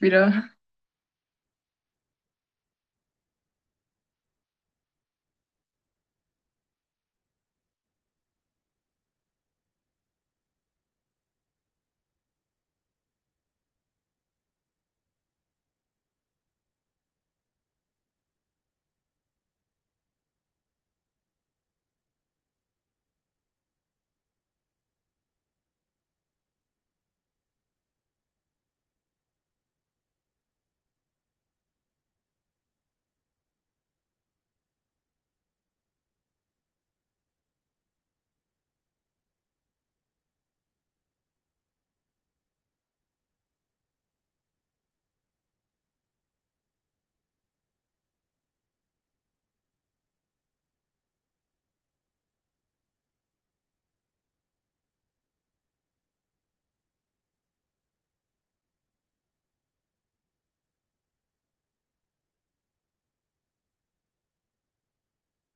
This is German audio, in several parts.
Wieder.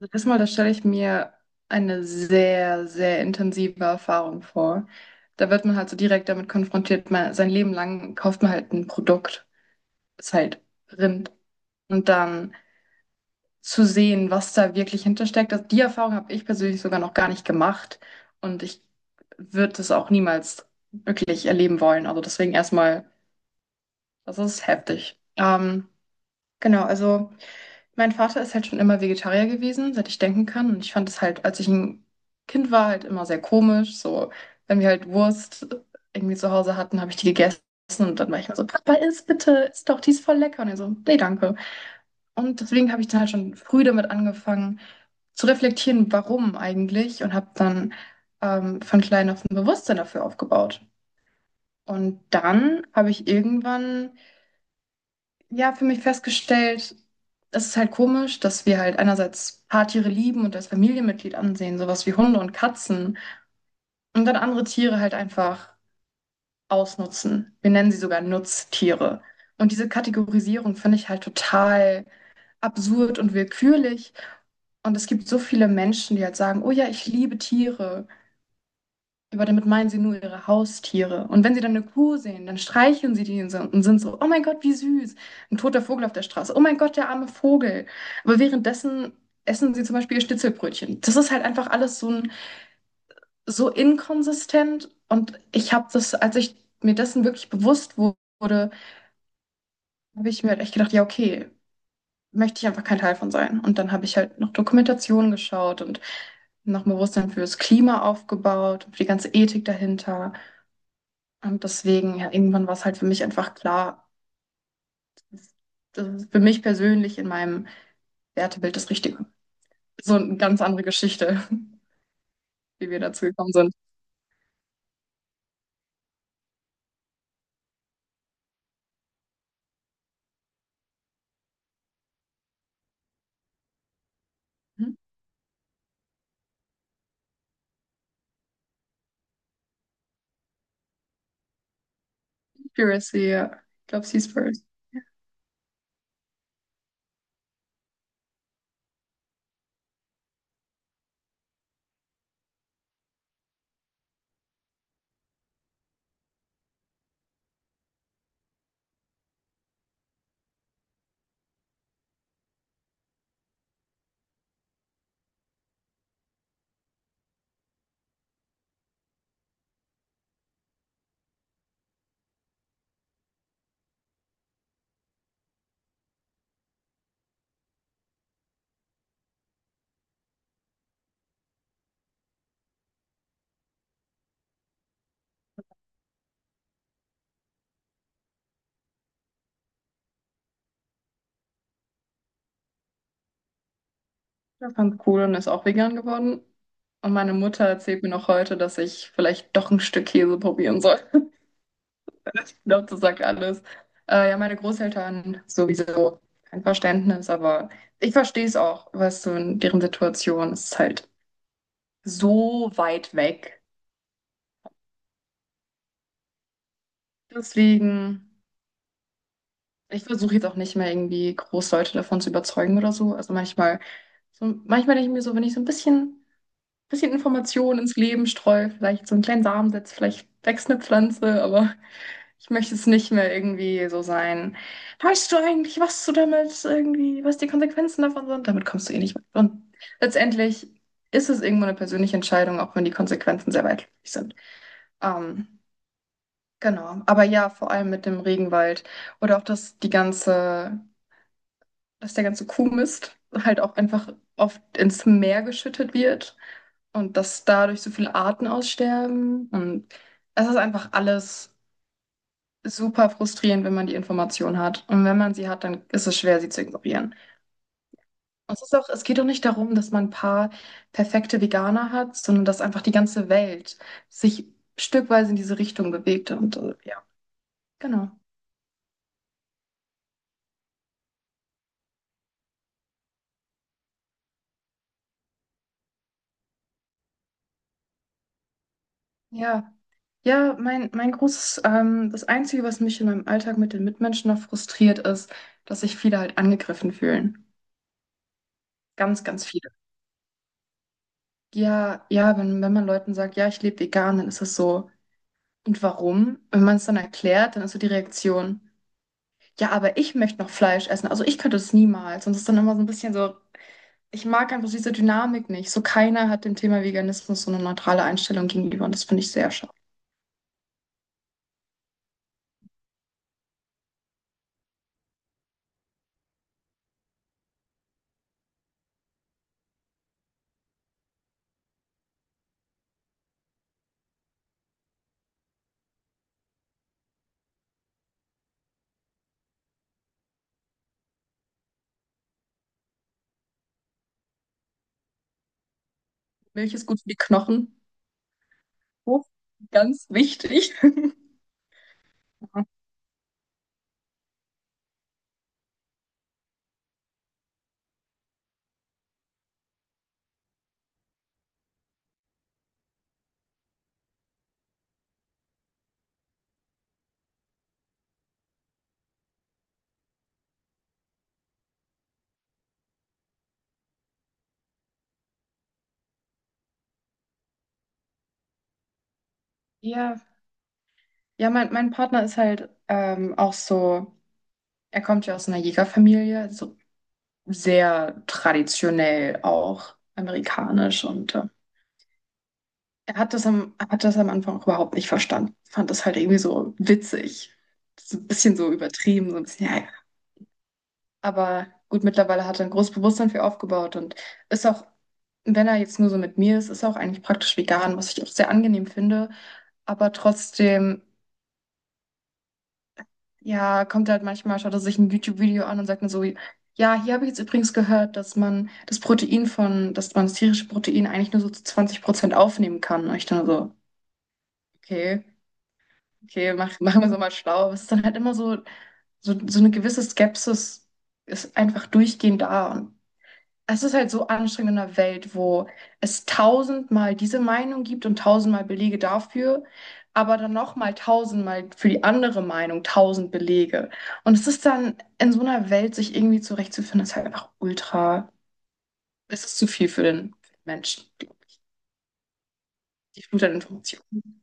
Also erstmal, da stelle ich mir eine sehr, sehr intensive Erfahrung vor. Da wird man halt so direkt damit konfrontiert, man, sein Leben lang kauft man halt ein Produkt, ist halt Rind. Und dann zu sehen, was da wirklich hintersteckt, die Erfahrung habe ich persönlich sogar noch gar nicht gemacht. Und ich würde es auch niemals wirklich erleben wollen. Also deswegen erstmal, das ist heftig. Genau, also. Mein Vater ist halt schon immer Vegetarier gewesen, seit ich denken kann. Und ich fand es halt, als ich ein Kind war, halt immer sehr komisch. So, wenn wir halt Wurst irgendwie zu Hause hatten, habe ich die gegessen. Und dann war ich immer so, Papa, iss bitte, iss doch, die ist voll lecker. Und er so, nee, danke. Und deswegen habe ich dann halt schon früh damit angefangen zu reflektieren, warum eigentlich. Und habe dann von klein auf ein Bewusstsein dafür aufgebaut. Und dann habe ich irgendwann ja, für mich festgestellt, es ist halt komisch, dass wir halt einerseits Paartiere lieben und als Familienmitglied ansehen, sowas wie Hunde und Katzen, und dann andere Tiere halt einfach ausnutzen. Wir nennen sie sogar Nutztiere. Und diese Kategorisierung finde ich halt total absurd und willkürlich. Und es gibt so viele Menschen, die halt sagen, oh ja, ich liebe Tiere. Aber damit meinen sie nur ihre Haustiere. Und wenn sie dann eine Kuh sehen, dann streicheln sie die so und sind so, oh mein Gott, wie süß. Ein toter Vogel auf der Straße. Oh mein Gott, der arme Vogel. Aber währenddessen essen sie zum Beispiel ihr Schnitzelbrötchen. Das ist halt einfach alles so, so inkonsistent. Und ich habe das, als ich mir dessen wirklich bewusst wurde, habe ich mir halt echt gedacht, ja, okay, möchte ich einfach kein Teil von sein. Und dann habe ich halt noch Dokumentationen geschaut und noch ein Bewusstsein fürs Klima aufgebaut, für die ganze Ethik dahinter. Und deswegen, ja, irgendwann war es halt für mich einfach klar, das ist für mich persönlich in meinem Wertebild das Richtige. So eine ganz andere Geschichte, wie wir dazu gekommen sind. Mhm. Piracy, ja. Ich glaube, sie ist first. Ich fand cool und ist auch vegan geworden. Und meine Mutter erzählt mir noch heute, dass ich vielleicht doch ein Stück Käse probieren soll. Ich glaube, das sagt alles. Ja, meine Großeltern sowieso kein Verständnis, aber ich verstehe es auch, weißt du, in deren Situation ist es halt so weit weg. Deswegen, ich versuche jetzt auch nicht mehr irgendwie groß Leute davon zu überzeugen oder so. Also manchmal, so, manchmal denke ich mir so, wenn ich so ein bisschen Informationen ins Leben streue, vielleicht so einen kleinen Samen setze, vielleicht wächst eine Pflanze, aber ich möchte es nicht mehr irgendwie so sein. Weißt du eigentlich, was du damit irgendwie, was die Konsequenzen davon sind? Damit kommst du eh nicht mit. Und letztendlich ist es irgendwo eine persönliche Entscheidung, auch wenn die Konsequenzen sehr weitläufig sind. Ähm, Genau, aber ja, vor allem mit dem Regenwald oder auch, dass die ganze, dass der ganze Kuhmist halt auch einfach oft ins Meer geschüttet wird und dass dadurch so viele Arten aussterben und es ist einfach alles super frustrierend, wenn man die Information hat und wenn man sie hat, dann ist es schwer, sie zu ignorieren. Und es ist auch, es geht auch nicht darum, dass man ein paar perfekte Veganer hat, sondern dass einfach die ganze Welt sich stückweise in diese Richtung bewegt und ja, genau. Ja. Ja, mein großes, das Einzige, was mich in meinem Alltag mit den Mitmenschen noch frustriert, ist, dass sich viele halt angegriffen fühlen. Ganz, ganz viele. Ja, ja, wenn man Leuten sagt, ja, ich lebe vegan, dann ist das so. Und warum? Wenn man es dann erklärt, dann ist so die Reaktion, ja, aber ich möchte noch Fleisch essen. Also ich könnte es niemals. Und es ist dann immer so ein bisschen so. Ich mag einfach diese Dynamik nicht. So keiner hat dem Thema Veganismus so eine neutrale Einstellung gegenüber und das finde ich sehr schade. Milch ist gut für die Knochen. Oh, ganz wichtig. Ja, ja, mein Partner ist halt auch so, er kommt ja aus einer Jägerfamilie, so sehr traditionell auch amerikanisch und er hat hat das am Anfang auch überhaupt nicht verstanden. Fand das halt irgendwie so witzig. So ein bisschen so übertrieben, so ein bisschen, ja, ja. Aber gut, mittlerweile hat er ein großes Bewusstsein für aufgebaut und ist auch, wenn er jetzt nur so mit mir ist, ist er auch eigentlich praktisch vegan, was ich auch sehr angenehm finde. Aber trotzdem ja, kommt halt manchmal, schaut er sich ein YouTube-Video an und sagt dann so, ja, hier habe ich jetzt übrigens gehört, dass man das Protein von, dass man das tierische Protein eigentlich nur so zu 20% aufnehmen kann. Und ich dann so, okay, okay, mach, machen wir so mal schlau. Aber es ist dann halt immer so, so eine gewisse Skepsis ist einfach durchgehend da. Und es ist halt so anstrengend in einer Welt, wo es tausendmal diese Meinung gibt und tausendmal Belege dafür, aber dann nochmal tausendmal für die andere Meinung tausend Belege. Und es ist dann in so einer Welt, sich irgendwie zurechtzufinden, ist halt einfach ultra. Es ist zu viel für den Menschen. Die Flut an Informationen.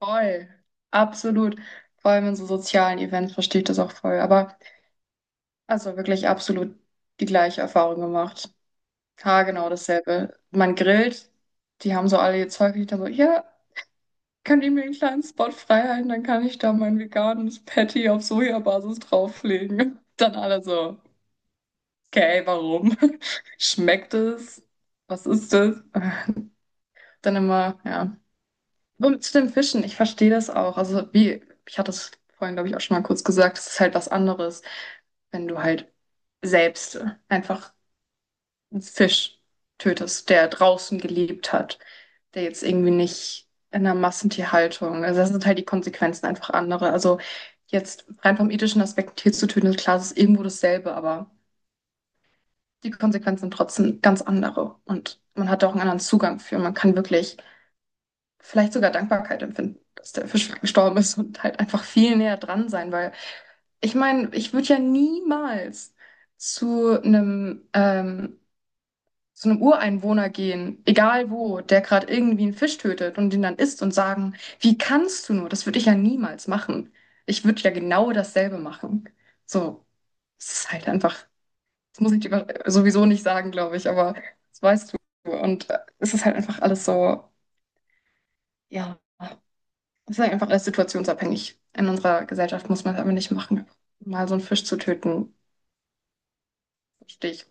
Voll. Absolut. Vor allem in so sozialen Events verstehe ich das auch voll. Aber also wirklich absolut die gleiche Erfahrung gemacht. Ja, genau dasselbe. Man grillt, die haben so alle ihr Zeug nicht, dann so, ja, könnt ihr mir einen kleinen Spot freihalten, dann kann ich da mein veganes Patty auf Sojabasis drauflegen. Dann alle so, okay, warum? Schmeckt es? Was ist das? Dann immer, ja. Und zu den Fischen, ich verstehe das auch. Also wie, ich hatte es vorhin, glaube ich, auch schon mal kurz gesagt, es ist halt was anderes, wenn du halt selbst einfach einen Fisch tötest, der draußen gelebt hat, der jetzt irgendwie nicht in einer Massentierhaltung. Also das sind halt die Konsequenzen einfach andere. Also jetzt rein vom ethischen Aspekt ein Tier zu töten, ist klar, es ist irgendwo dasselbe, aber die Konsequenzen sind trotzdem ganz andere. Und man hat da auch einen anderen Zugang für. Man kann wirklich vielleicht sogar Dankbarkeit empfinden, dass der Fisch gestorben ist und halt einfach viel näher dran sein, weil ich meine, ich würde ja niemals zu einem zu einem Ureinwohner gehen, egal wo, der gerade irgendwie einen Fisch tötet und den dann isst und sagen, wie kannst du nur? Das würde ich ja niemals machen. Ich würde ja genau dasselbe machen. So, es ist halt einfach, das muss ich dir über- sowieso nicht sagen, glaube ich, aber das weißt du. Und es ist halt einfach alles so, ja, es ist halt einfach alles situationsabhängig. In unserer Gesellschaft muss man es aber nicht machen. Mal so einen Fisch zu töten, verstehe ich,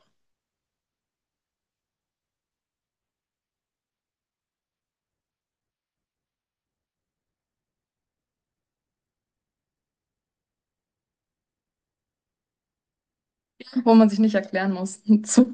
wo man sich nicht erklären muss. So.